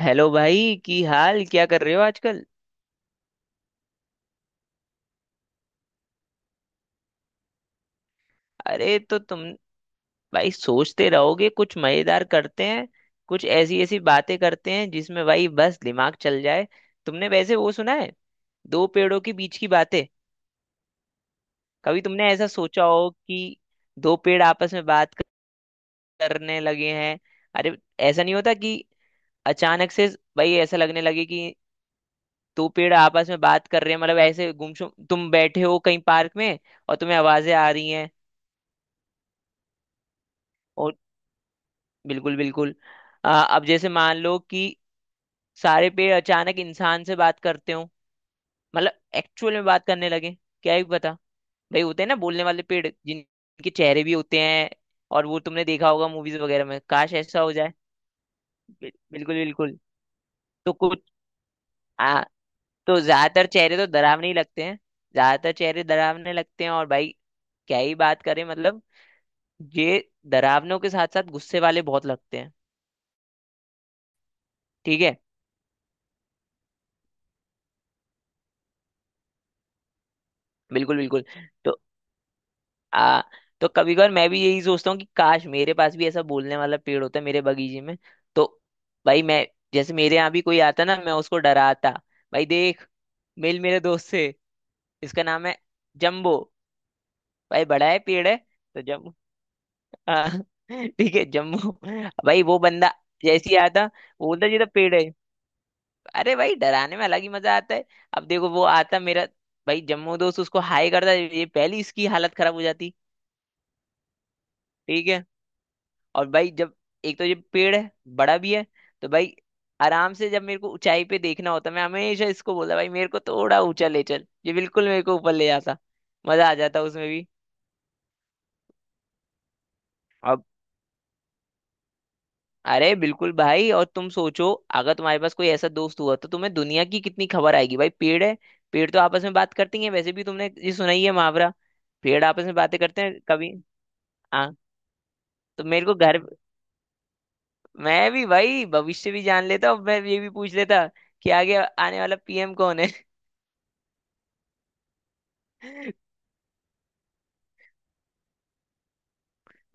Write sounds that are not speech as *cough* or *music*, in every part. Hello भाई। की हाल क्या कर रहे हो आजकल? अरे तो तुम भाई सोचते रहोगे, कुछ मजेदार करते हैं। कुछ ऐसी ऐसी बातें करते हैं जिसमें भाई बस दिमाग चल जाए। तुमने वैसे वो सुना है, दो पेड़ों के बीच की बातें? कभी तुमने ऐसा सोचा हो कि दो पेड़ आपस में बात करने लगे हैं? अरे ऐसा नहीं होता कि अचानक से भाई ऐसा लगने लगे कि दो पेड़ आपस में बात कर रहे हैं, मतलब ऐसे गुमसुम तुम बैठे हो कहीं पार्क में और तुम्हें आवाजें आ रही हैं। बिल्कुल बिल्कुल। अब जैसे मान लो कि सारे पेड़ अचानक इंसान से बात करते हो, मतलब एक्चुअल में बात करने लगे। क्या ही पता। भाई होते हैं ना बोलने वाले पेड़ जिनके चेहरे भी होते हैं, और वो तुमने देखा होगा मूवीज वगैरह में। काश ऐसा हो जाए। बिल्कुल बिल्कुल। तो कुछ आ, तो ज्यादातर चेहरे तो डरावने ही लगते हैं। ज्यादातर चेहरे डरावने लगते हैं, और भाई क्या ही बात करें। मतलब ये डरावनों के साथ साथ गुस्से वाले बहुत लगते हैं। ठीक है। बिल्कुल बिल्कुल। तो आ तो कभी कभार मैं भी यही सोचता हूँ कि काश मेरे पास भी ऐसा बोलने वाला पेड़ होता मेरे बगीचे में। तो भाई मैं जैसे मेरे यहाँ भी कोई आता ना, मैं उसको डराता। भाई देख, मिल मेरे दोस्त से। इसका नाम है जम्बो। भाई बड़ा है, पेड़ है, तो जम्बो। हाँ, *laughs* ठीक है, जम्बो। भाई वो बंदा जैसे ही आता, वो बोलता जी तो पेड़ है। अरे भाई डराने में अलग ही मजा आता है। अब देखो वो आता मेरा, भाई जम्बो दोस्त उसको हाय करता, ये पहली इसकी हालत खराब हो जाती। ठीक है। और भाई जब एक तो ये पेड़ है, बड़ा भी है, तो भाई आराम से जब मेरे को ऊंचाई पे देखना होता, मैं हमेशा इसको बोला भाई मेरे को थोड़ा ऊंचा ले चल, ये बिल्कुल मेरे को ऊपर ले जाता। मजा आ जाता उसमें भी। अब अरे बिल्कुल भाई, और तुम सोचो अगर तुम्हारे पास कोई ऐसा दोस्त हुआ तो तुम्हें दुनिया की कितनी खबर आएगी। भाई पेड़ है, पेड़ तो आपस में बात करती है। वैसे भी तुमने ये सुना ही है मुहावरा, पेड़ आपस में बातें करते हैं कभी। हाँ, तो मेरे को घर, मैं भी भाई भविष्य भी जान लेता, और मैं ये भी पूछ लेता कि आगे आने वाला पीएम कौन है।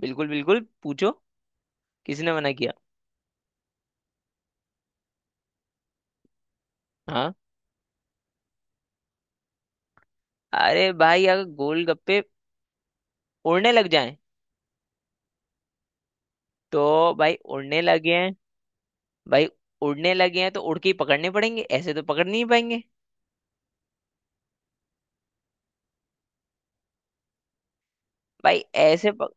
बिल्कुल बिल्कुल, पूछो, किसने मना किया? हाँ, अरे भाई अगर गोलगप्पे उड़ने लग जाएं, तो भाई उड़ने लगे हैं। भाई उड़ने लगे हैं तो उड़ के ही पकड़ने पड़ेंगे, ऐसे तो पकड़ नहीं पाएंगे। भाई ऐसे पक...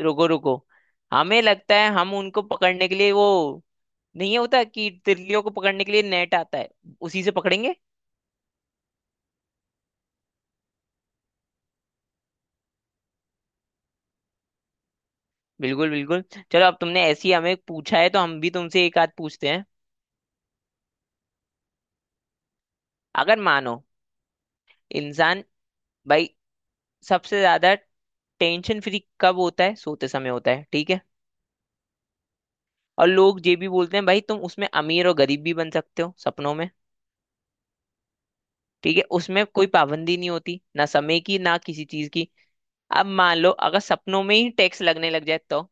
रुको रुको, हमें लगता है हम उनको पकड़ने के लिए वो, नहीं होता कि तितलियों को पकड़ने के लिए नेट आता है, उसी से पकड़ेंगे। बिल्कुल बिल्कुल। चलो अब तुमने ऐसी हमें पूछा है, तो हम भी तुमसे एक आध पूछते हैं। अगर मानो इंसान भाई सबसे ज्यादा टेंशन फ्री कब होता है? सोते समय होता है, ठीक है। और लोग ये भी बोलते हैं भाई तुम उसमें अमीर और गरीब भी बन सकते हो सपनों में। ठीक है, उसमें कोई पाबंदी नहीं होती, ना समय की, ना किसी चीज की। अब मान लो अगर सपनों में ही टैक्स लगने लग जाए तो?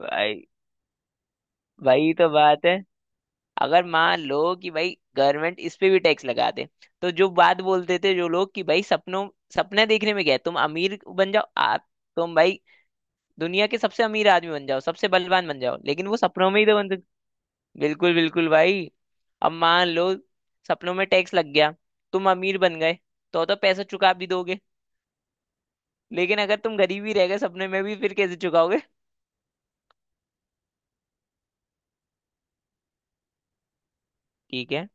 भाई वही तो बात है, अगर मान लो कि भाई गवर्नमेंट इस पे भी टैक्स लगा दे, तो जो बात बोलते थे जो लोग कि भाई सपनों, सपने देखने में गए तुम अमीर बन जाओ आप, तुम भाई दुनिया के सबसे अमीर आदमी बन जाओ, सबसे बलवान बन जाओ, लेकिन वो सपनों में ही तो बन। बिल्कुल बिल्कुल भाई। अब मान लो सपनों में टैक्स लग गया, तुम अमीर बन गए, तो पैसा चुका भी दोगे, लेकिन अगर तुम गरीब ही रह गए सपने में भी, फिर कैसे चुकाओगे? ठीक है।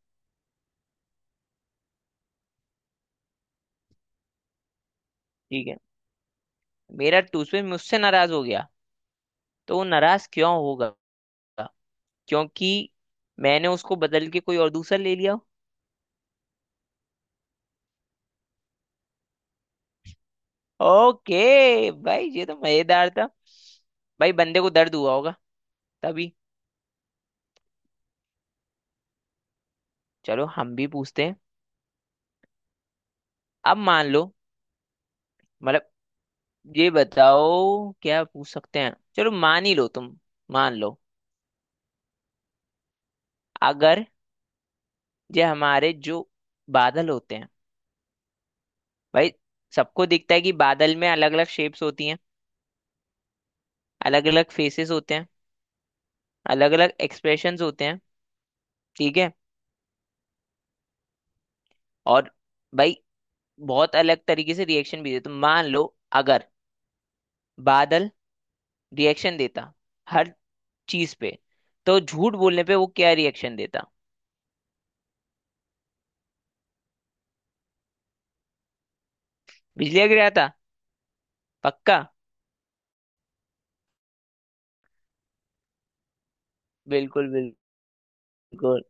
ठीक है, मेरा टूसवे मुझसे नाराज हो गया, तो वो नाराज क्यों होगा? क्योंकि मैंने उसको बदल के कोई और दूसरा ले लिया। ओके भाई, ये तो मजेदार था। भाई बंदे को दर्द हुआ होगा तभी। चलो हम भी पूछते हैं। अब मान लो, मतलब ये बताओ क्या पूछ सकते हैं। चलो मान ही लो तुम, मान लो अगर ये हमारे जो बादल होते हैं भाई, सबको दिखता है कि बादल में अलग अलग शेप्स होती हैं, अलग अलग फेसेस होते हैं, अलग अलग एक्सप्रेशंस होते हैं, ठीक है। और भाई बहुत अलग तरीके से रिएक्शन भी देते, तो मान लो अगर बादल रिएक्शन देता हर चीज पे, तो झूठ बोलने पे वो क्या रिएक्शन देता? बिजली गिराता, पक्का। बिल्कुल बिल्कुल।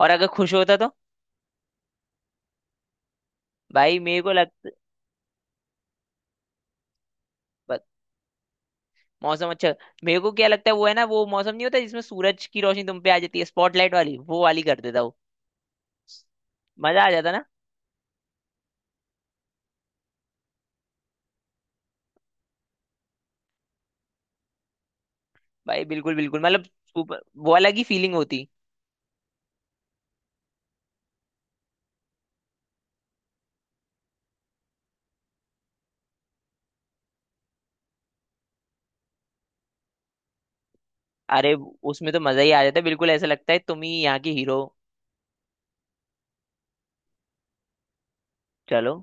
और अगर खुश होता तो? भाई मेरे को लगता मौसम अच्छा। मेरे को क्या लगता है, वो है ना वो मौसम नहीं होता जिसमें सूरज की रोशनी तुम पे आ जाती है, स्पॉटलाइट वाली, वो वाली कर देता वो। मजा आ जाता ना। भाई बिल्कुल बिल्कुल, मतलब super- वो अलग ही फीलिंग होती। अरे उसमें तो मजा ही आ जाता है, बिल्कुल ऐसा लगता है तुम ही यहाँ की हीरो। चलो।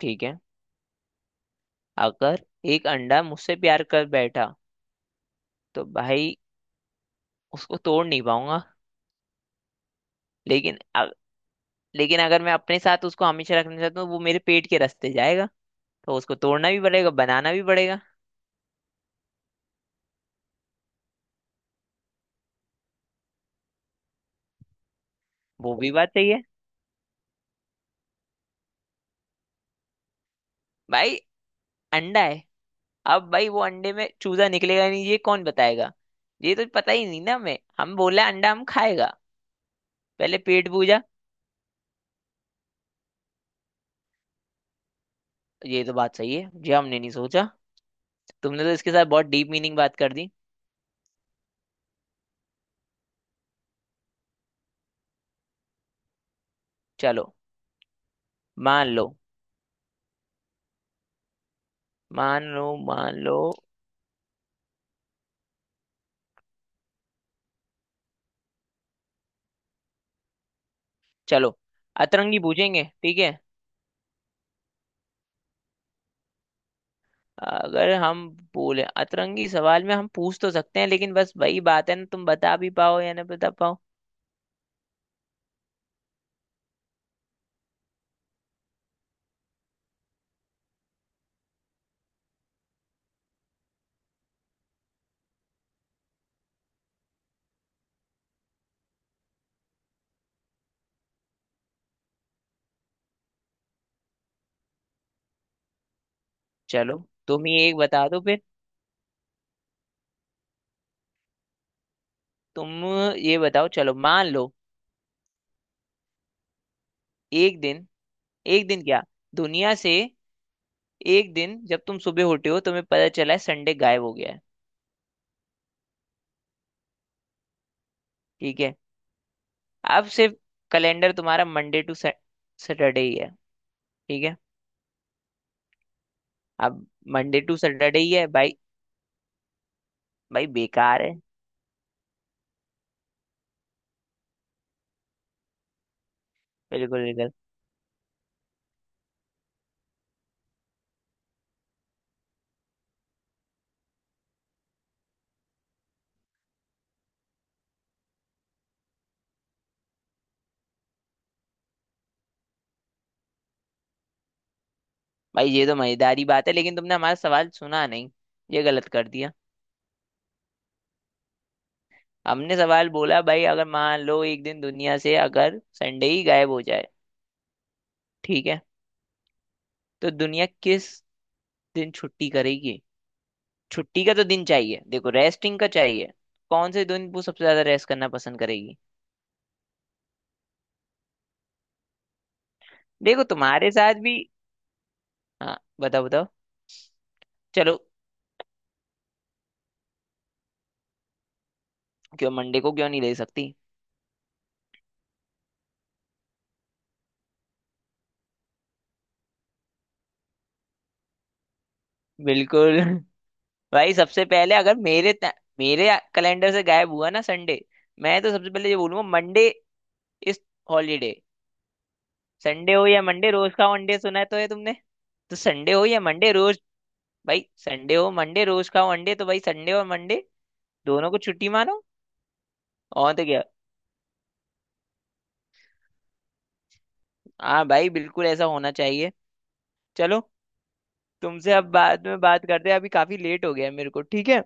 ठीक है, अगर एक अंडा मुझसे प्यार कर बैठा, तो भाई उसको तोड़ नहीं पाऊंगा। लेकिन अ- लेकिन अगर मैं अपने साथ उसको हमेशा रखना चाहता हूँ, वो मेरे पेट के रास्ते जाएगा, तो उसको तोड़ना भी पड़ेगा, बनाना भी पड़ेगा। वो भी बात सही है। भाई अंडा है, अब भाई वो अंडे में चूजा निकलेगा नहीं, ये कौन बताएगा? ये तो पता ही नहीं ना हमें, हम बोला अंडा हम खाएगा, पहले पेट पूजा। ये तो बात सही है, ये हमने नहीं सोचा। तुमने तो इसके साथ बहुत डीप मीनिंग बात कर दी। चलो मान लो, मान लो, मान लो। चलो अतरंगी पूछेंगे, ठीक है। अगर हम बोले अतरंगी सवाल में हम पूछ तो सकते हैं, लेकिन बस वही बात है ना, तुम बता भी पाओ या ना बता पाओ। चलो तुम ही एक बता दो फिर। तुम ये बताओ, चलो मान लो एक दिन, एक दिन क्या, दुनिया से, एक दिन जब तुम सुबह उठे हो, तुम्हें पता चला है संडे गायब हो गया है। ठीक है, अब सिर्फ कैलेंडर तुम्हारा मंडे टू सैटरडे ही है, ठीक है। अब मंडे टू सैटरडे ही है भाई। भाई बेकार है। बिल्कुल बिल्कुल। भाई ये तो मजेदारी बात है, लेकिन तुमने हमारा सवाल सुना नहीं, ये गलत कर दिया। हमने सवाल बोला भाई अगर मान लो एक दिन दुनिया से अगर संडे ही गायब हो जाए, ठीक है, तो दुनिया किस दिन छुट्टी करेगी? छुट्टी का तो दिन चाहिए, देखो रेस्टिंग का चाहिए। कौन से दिन वो सबसे ज्यादा रेस्ट करना पसंद करेगी? देखो तुम्हारे साथ भी, हाँ बताओ बताओ, चलो। क्यों मंडे को क्यों नहीं ले सकती? बिल्कुल *laughs* भाई सबसे पहले अगर मेरे ता- मेरे कैलेंडर से गायब हुआ ना संडे, मैं तो सबसे पहले ये बोलूंगा मंडे इस हॉलीडे। संडे हो या मंडे रोज खाओ अंडे, सुना है तो है तुमने। तो संडे हो या मंडे रोज, भाई संडे हो मंडे रोज खाओ अंडे, तो भाई संडे और मंडे दोनों को छुट्टी मानो। और तो क्या। हाँ भाई बिल्कुल ऐसा होना चाहिए। चलो, तुमसे अब बाद में बात करते हैं, अभी काफी लेट हो गया है मेरे को, ठीक है?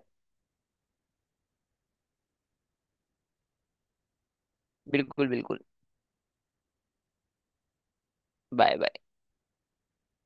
बिल्कुल बिल्कुल। Bye bye.